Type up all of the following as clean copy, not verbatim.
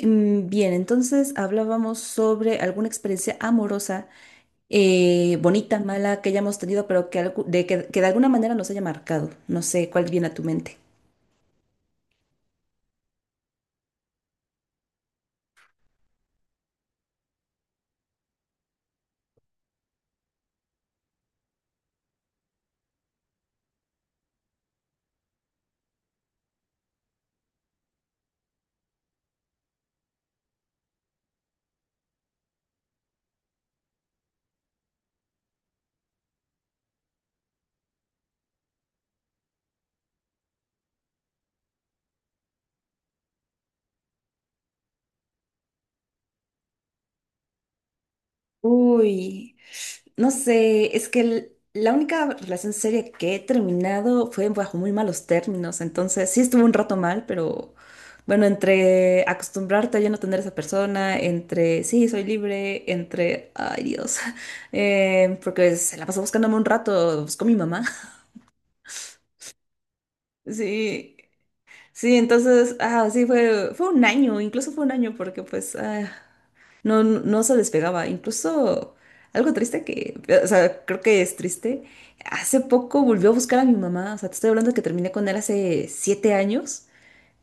Bien, entonces hablábamos sobre alguna experiencia amorosa, bonita, mala, que hayamos tenido, pero que de alguna manera nos haya marcado. No sé cuál viene a tu mente. Uy. No sé, es que la única relación seria que he terminado fue bajo muy malos términos, entonces sí estuvo un rato mal, pero bueno, entre acostumbrarte a ya no tener esa persona, entre sí, soy libre, entre, ay Dios, porque se la pasó buscándome un rato, buscó mi mamá. Sí, sí, entonces, sí, fue 1 año, incluso fue 1 año porque no, no, no se despegaba. Incluso algo triste que, o sea, creo que es triste. Hace poco volvió a buscar a mi mamá. O sea, te estoy hablando que terminé con él hace 7 años.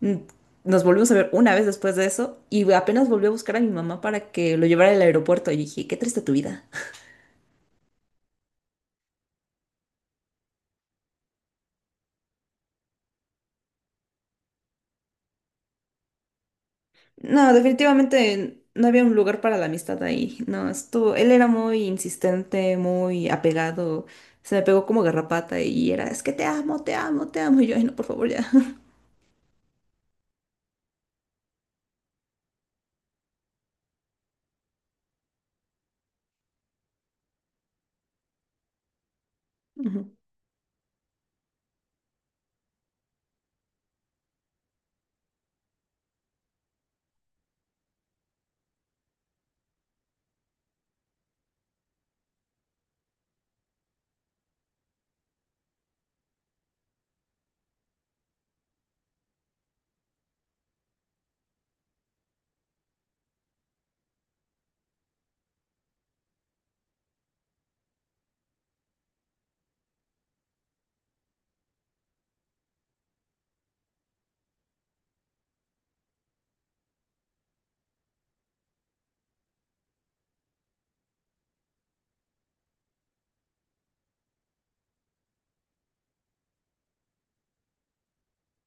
Mm. Nos volvimos a ver una vez después de eso y apenas volvió a buscar a mi mamá para que lo llevara al aeropuerto. Y dije, qué triste tu vida. No, definitivamente no había un lugar para la amistad ahí. No, estuvo, él era muy insistente, muy apegado. Se me pegó como garrapata y era, es que te amo, te amo, te amo. Y yo, ay, no, por favor, ya. Ujú.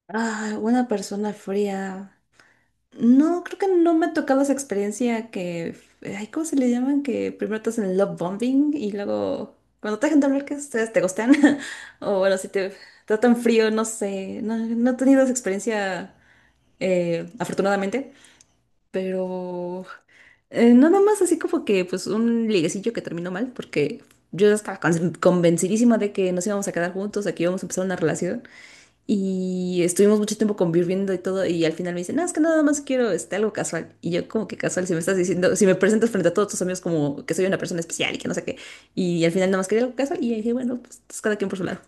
Ah, una persona fría. No, creo que no me ha tocado esa experiencia que, ay, ¿cómo se le llaman? Que primero te hacen love bombing y luego cuando te dejan de hablar que ustedes te gustan. O bueno, si te tratan frío, no sé. No, no he tenido esa experiencia, afortunadamente. Pero nada más así como que pues un liguecillo que terminó mal porque yo estaba convencidísima de que nos íbamos a quedar juntos, de que íbamos a empezar una relación. Y estuvimos mucho tiempo conviviendo y todo, y al final me dice, no, es que nada más quiero este, algo casual. Y yo como que casual, si me estás diciendo, si me presentas frente a todos tus amigos como que soy una persona especial y que no sé qué. Y al final nada más quería algo casual y yo dije, bueno, pues, cada quien por su lado.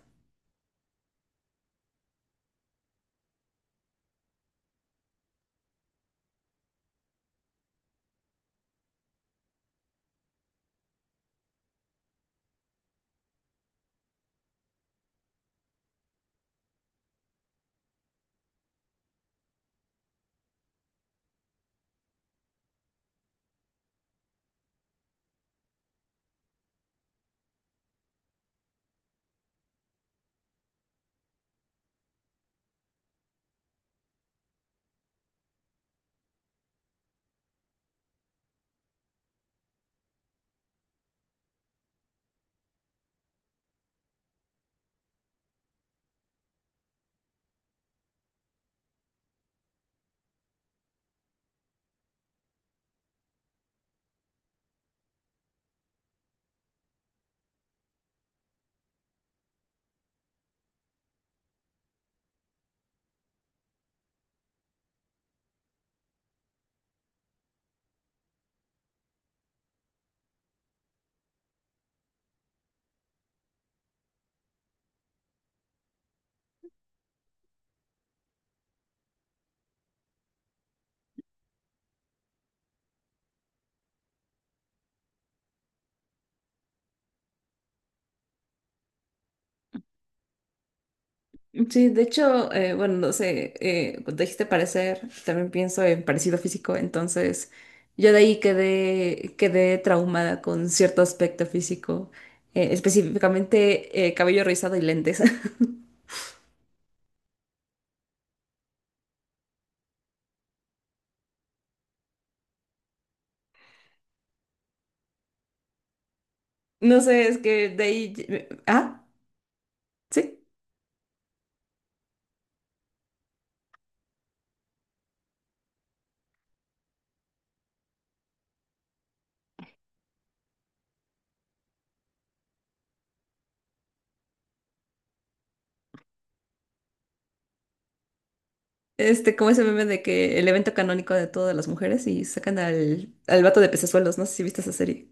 Sí, de hecho, bueno, no sé, cuando dijiste parecer, también pienso en parecido físico, entonces yo de ahí quedé, quedé traumada con cierto aspecto físico, específicamente cabello rizado y lentes. No sé, es que de ahí... Ah, sí. Este, como ese meme de que el evento canónico de todas las mujeres y sacan al vato de pecesuelos, no sé si viste esa serie.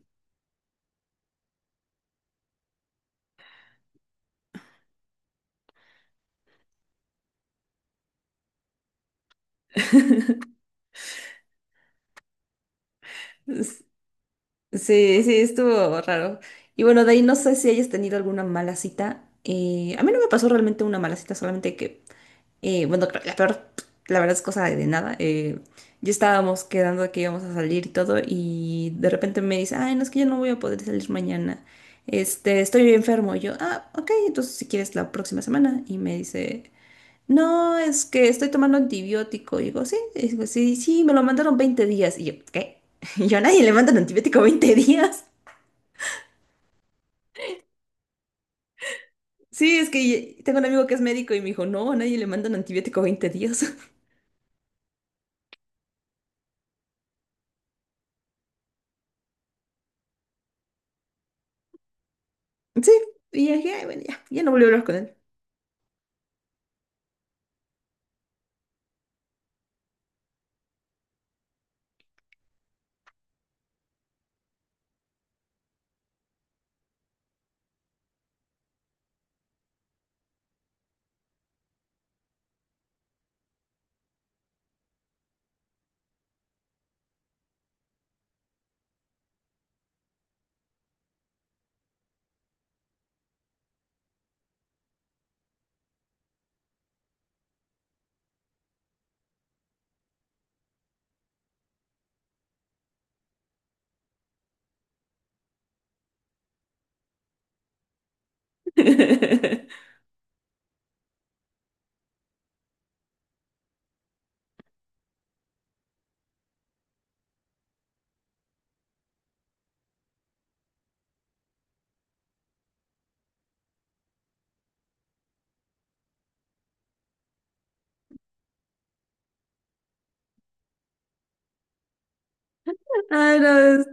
Es- Sí, sí, estuvo raro. Y bueno, de ahí no sé si hayas tenido alguna mala cita. A mí no me pasó realmente una mala cita, solamente que, bueno, la peor, la verdad es cosa de nada. Yo estábamos quedando de que íbamos a salir y todo, y de repente me dice, ay, no, es que yo no voy a poder salir mañana. Este, estoy enfermo. Y yo, ah, ok, entonces si quieres la próxima semana. Y me dice... No, es que estoy tomando antibiótico. Y digo, sí, sí, me lo mandaron 20 días. Y yo, ¿qué? Y yo, a nadie le mandan antibiótico 20 días. Sí, es que tengo un amigo que es médico y me dijo, no, a nadie le mandan antibiótico veinte días. Sí, y dije, "Ay, bueno, ya, ya no volví a hablar con él. Ah, no.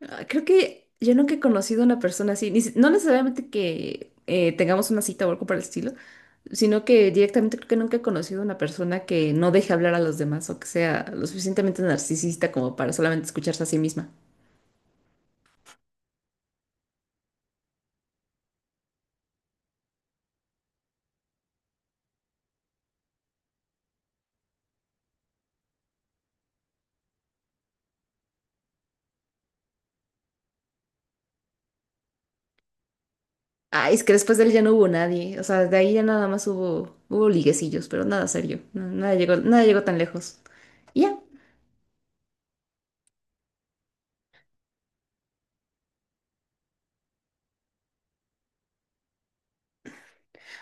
Ah, creo que yo nunca he conocido a una persona así, ni si- no necesariamente que tengamos una cita o algo por el estilo, sino que directamente creo que nunca he conocido a una persona que no deje hablar a los demás o que sea lo suficientemente narcisista como para solamente escucharse a sí misma. Ay, es que después de él ya no hubo nadie, o sea, de ahí ya nada más hubo, hubo liguecillos, pero nada serio, nada llegó, nada llegó tan lejos. Y ya.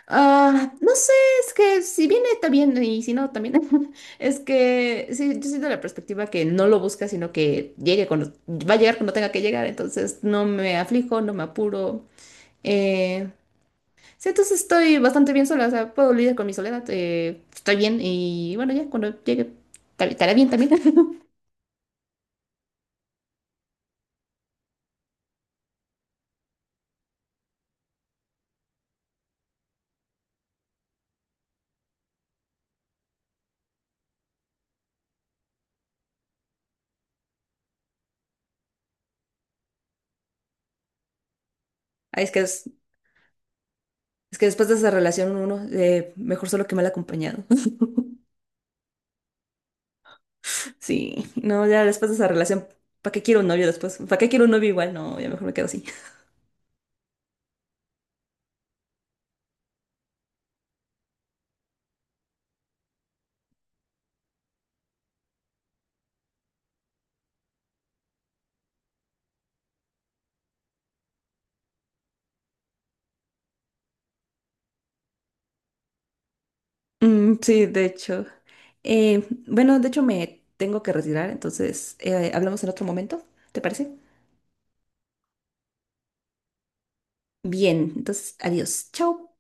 Ah, no sé, es que si viene está bien y si no también. Es que sí, yo siento la perspectiva que no lo busca, sino que llegue cuando va a llegar cuando tenga que llegar, entonces no me aflijo, no me apuro. Eh, sí, entonces estoy bastante bien sola, o sea, puedo lidiar con mi soledad, estoy bien y bueno, ya cuando llegue estaré bien también. Ay, es que después de esa relación uno mejor solo que mal acompañado. Sí, no, ya después de esa relación, ¿para qué quiero un novio después? ¿Para qué quiero un novio igual? No, ya mejor me quedo así. Mm, sí, de hecho. Bueno, de hecho me tengo que retirar, entonces hablamos en otro momento, ¿te parece? Bien, entonces adiós, chao.